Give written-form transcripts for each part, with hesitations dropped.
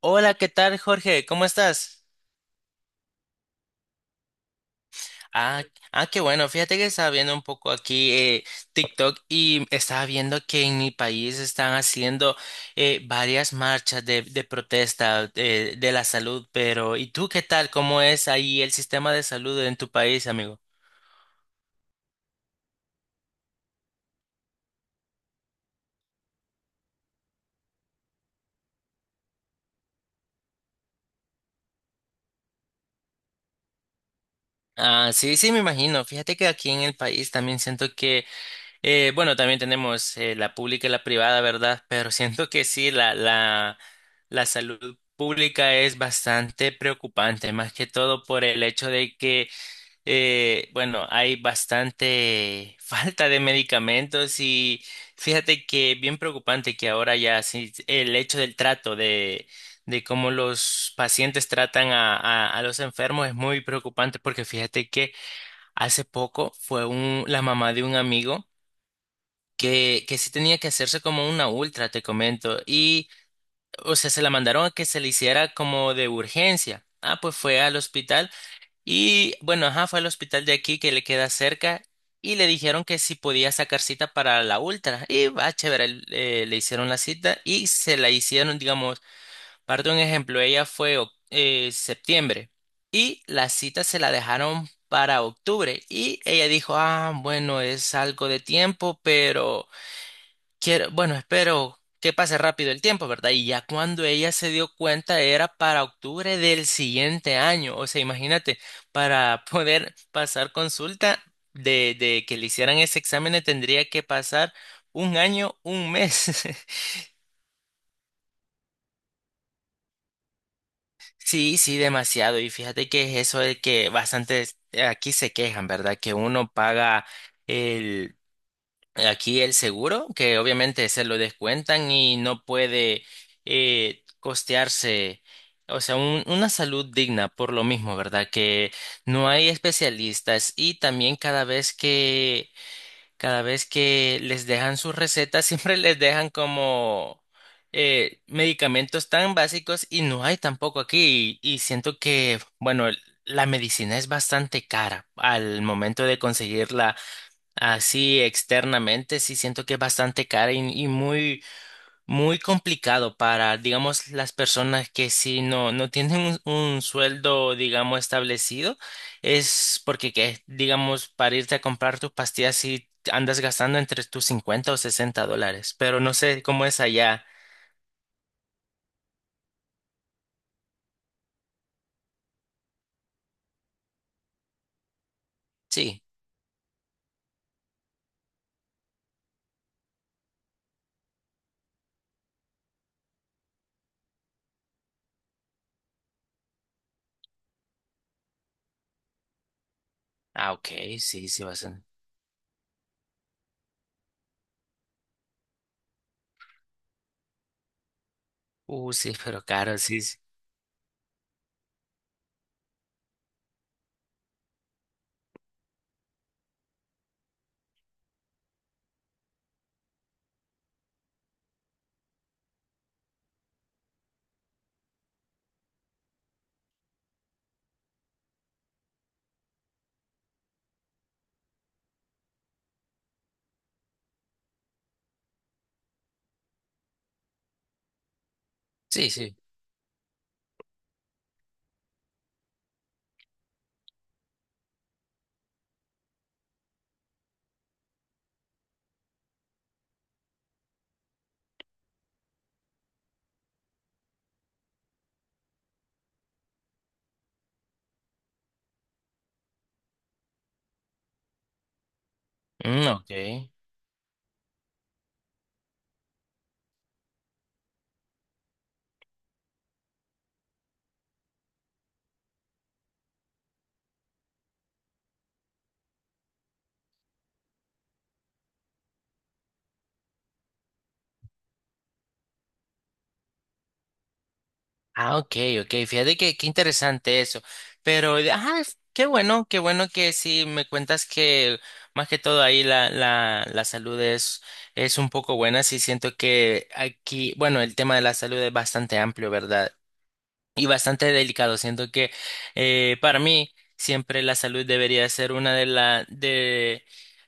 Hola, ¿qué tal, Jorge? ¿Cómo estás? Ah, ah, qué bueno. Fíjate que estaba viendo un poco aquí TikTok y estaba viendo que en mi país están haciendo varias marchas de protesta de la salud, pero ¿y tú qué tal? ¿Cómo es ahí el sistema de salud en tu país, amigo? Ah, sí, sí, me imagino. Fíjate que aquí en el país también siento que bueno, también tenemos la pública y la privada, ¿verdad? Pero siento que sí, la salud pública es bastante preocupante, más que todo por el hecho de que bueno, hay bastante falta de medicamentos. Y fíjate que bien preocupante que ahora ya sí, el hecho del trato de cómo los pacientes tratan a los enfermos es muy preocupante, porque fíjate que hace poco fue la mamá de un amigo que sí tenía que hacerse como una ultra, te comento. Y, o sea, se la mandaron a que se le hiciera como de urgencia. Ah, pues fue al hospital y, bueno, ajá, fue al hospital de aquí que le queda cerca y le dijeron que si podía sacar cita para la ultra. Y, va, chévere, le hicieron la cita y se la hicieron, digamos, parte de un ejemplo. Ella fue septiembre y la cita se la dejaron para octubre, y ella dijo, ah, bueno, es algo de tiempo, pero quiero, bueno, espero que pase rápido el tiempo, ¿verdad? Y ya cuando ella se dio cuenta era para octubre del siguiente año. O sea, imagínate, para poder pasar consulta, de que le hicieran ese examen, tendría que pasar un año, un mes. Sí, sí, demasiado. Y fíjate que es eso de que bastantes aquí se quejan, ¿verdad? Que uno paga el... aquí el seguro, que obviamente se lo descuentan y no puede costearse, o sea, una salud digna por lo mismo, ¿verdad? Que no hay especialistas y también cada vez que, les dejan sus recetas, siempre les dejan como medicamentos tan básicos, y no hay tampoco aquí. Y siento que, bueno, la medicina es bastante cara al momento de conseguirla. Así externamente, sí siento que es bastante cara y, muy, muy complicado para, digamos, las personas que sí no, no tienen un sueldo, digamos, establecido. Es porque, que, digamos, para irte a comprar tus pastillas sí andas gastando entre tus $50 o $60, pero no sé cómo es allá. Sí. Ah, ok, sí, sí, bastante. Sí, pero caro, sí, sí, sí. Sí. Mm, ok. Ah, ok, ok. Fíjate que qué interesante eso. Pero, ajá, qué bueno que sí me cuentas que más que todo ahí la salud es un poco buena. Sí siento que aquí, bueno, el tema de la salud es bastante amplio, ¿verdad? Y bastante delicado. Siento que para mí siempre la salud debería ser una de la de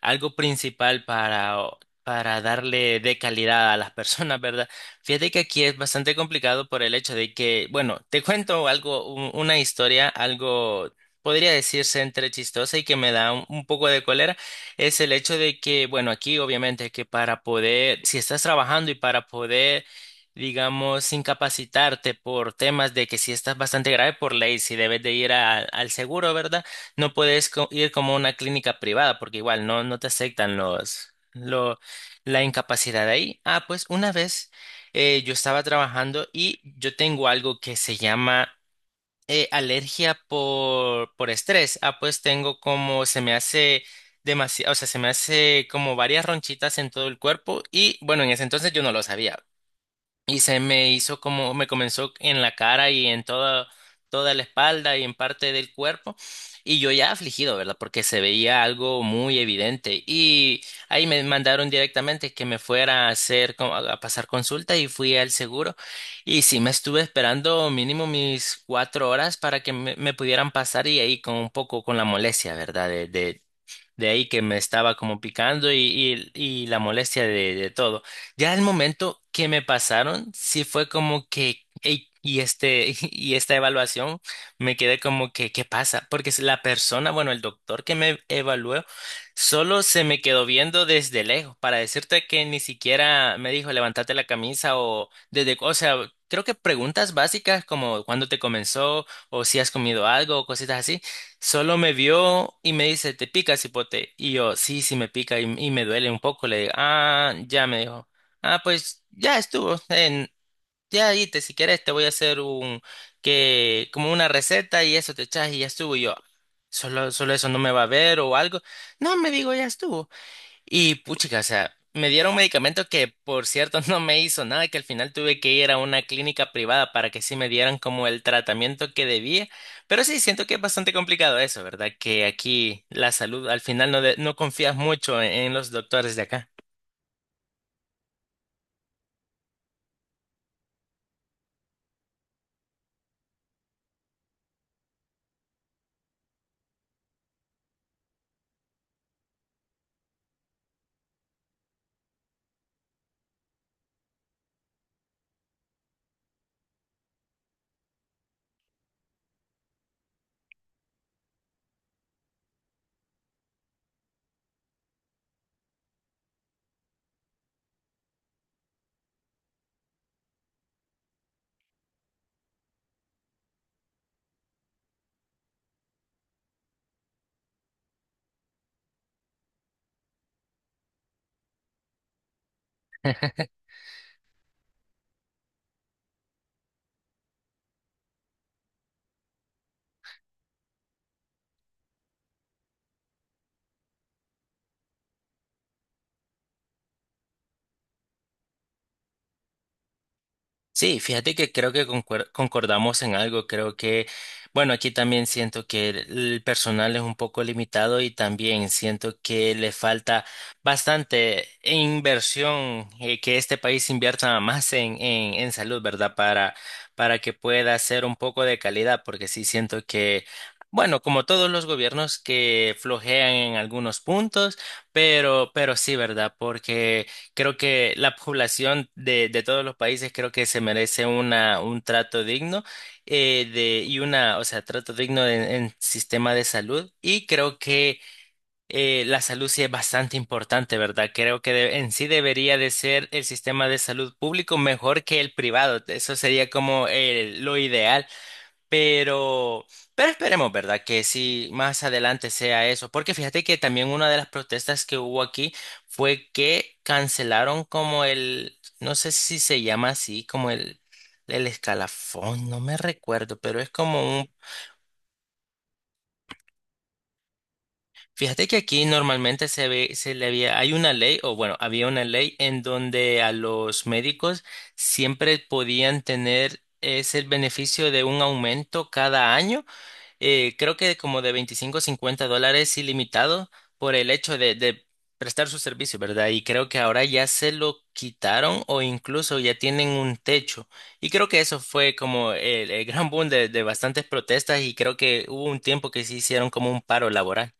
algo principal para para darle de calidad a las personas, ¿verdad? Fíjate que aquí es bastante complicado por el hecho de que, bueno, te cuento algo, una historia, algo podría decirse entre chistosa y que me da un poco de cólera. Es el hecho de que, bueno, aquí obviamente que para poder, si estás trabajando y para poder, digamos, incapacitarte por temas de que si estás bastante grave por ley, si debes de ir al seguro, ¿verdad? No puedes ir como a una clínica privada porque igual no, no te aceptan la incapacidad ahí. Ah, pues una vez yo estaba trabajando y yo tengo algo que se llama alergia por estrés. Ah, pues tengo, como se me hace demasiado, o sea, se me hace como varias ronchitas en todo el cuerpo, y bueno, en ese entonces yo no lo sabía y se me hizo, como me comenzó en la cara y en toda, la espalda y en parte del cuerpo, y yo ya afligido, ¿verdad? Porque se veía algo muy evidente, y ahí me mandaron directamente que me fuera a hacer como, a pasar consulta, y fui al seguro y sí me estuve esperando mínimo mis 4 horas para que me, pudieran pasar, y ahí con un poco con la molestia, ¿verdad? De ahí que me estaba como picando, y la molestia de todo. Ya el momento que me pasaron, sí fue como que, "Ey, y este, y esta evaluación". Me quedé como que, ¿qué pasa? Porque si la persona, bueno, el doctor que me evaluó solo se me quedó viendo desde lejos, para decirte que ni siquiera me dijo, levántate la camisa o desde, o sea, creo que preguntas básicas como cuándo te comenzó o si has comido algo o cositas así. Solo me vio y me dice, ¿te pica, cipote? Y yo, sí, sí me pica y me duele un poco. Le digo, ah, ya me dijo. Ah, pues ya estuvo. Ya te, si quieres, te voy a hacer un, que, como una receta y eso te echas y ya estuvo. Y yo, solo, eso, no me va a ver o algo. No, me digo, ya estuvo. Y puchica, o sea, me dieron un medicamento que por cierto no me hizo nada, que al final tuve que ir a una clínica privada para que sí me dieran como el tratamiento que debía. Pero sí, siento que es bastante complicado eso, ¿verdad? Que aquí la salud al final no, no confías mucho en los doctores de acá. Sí, fíjate que creo que concordamos en algo. Creo que, bueno, aquí también siento que el personal es un poco limitado, y también siento que le falta bastante inversión, que este país invierta más en salud, ¿verdad? Para que pueda ser un poco de calidad, porque sí siento que, bueno, como todos los gobiernos que flojean en algunos puntos, pero, sí, ¿verdad? Porque creo que la población de todos los países, creo que se merece una, un trato digno y una, o sea, trato digno en, sistema de salud. Y creo que la salud sí es bastante importante, ¿verdad? Creo que en sí debería de ser el sistema de salud público mejor que el privado. Eso sería como lo ideal. Pero, esperemos, ¿verdad? Que si más adelante sea eso. Porque fíjate que también una de las protestas que hubo aquí fue que cancelaron como el, no sé si se llama así, como el escalafón, no me recuerdo, pero es como un, fíjate que aquí normalmente se ve, se le había, hay una ley, o bueno, había una ley en donde a los médicos siempre podían tener ese beneficio de un aumento cada año, creo que como de 25 a $50 ilimitado por el hecho de prestar su servicio, ¿verdad? Y creo que ahora ya se lo quitaron o incluso ya tienen un techo. Y creo que eso fue como el gran boom de bastantes protestas, y creo que hubo un tiempo que se hicieron como un paro laboral.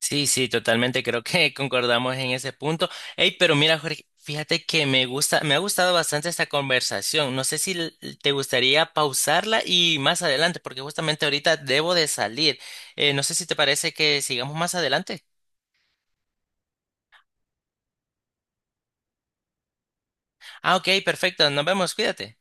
Sí, sí, totalmente. Creo que concordamos en ese punto. Hey, pero mira, Jorge, fíjate que me gusta, me ha gustado bastante esta conversación. No sé si te gustaría pausarla y más adelante, porque justamente ahorita debo de salir. No sé si te parece que sigamos más adelante. Ah, ok, perfecto. Nos vemos. Cuídate.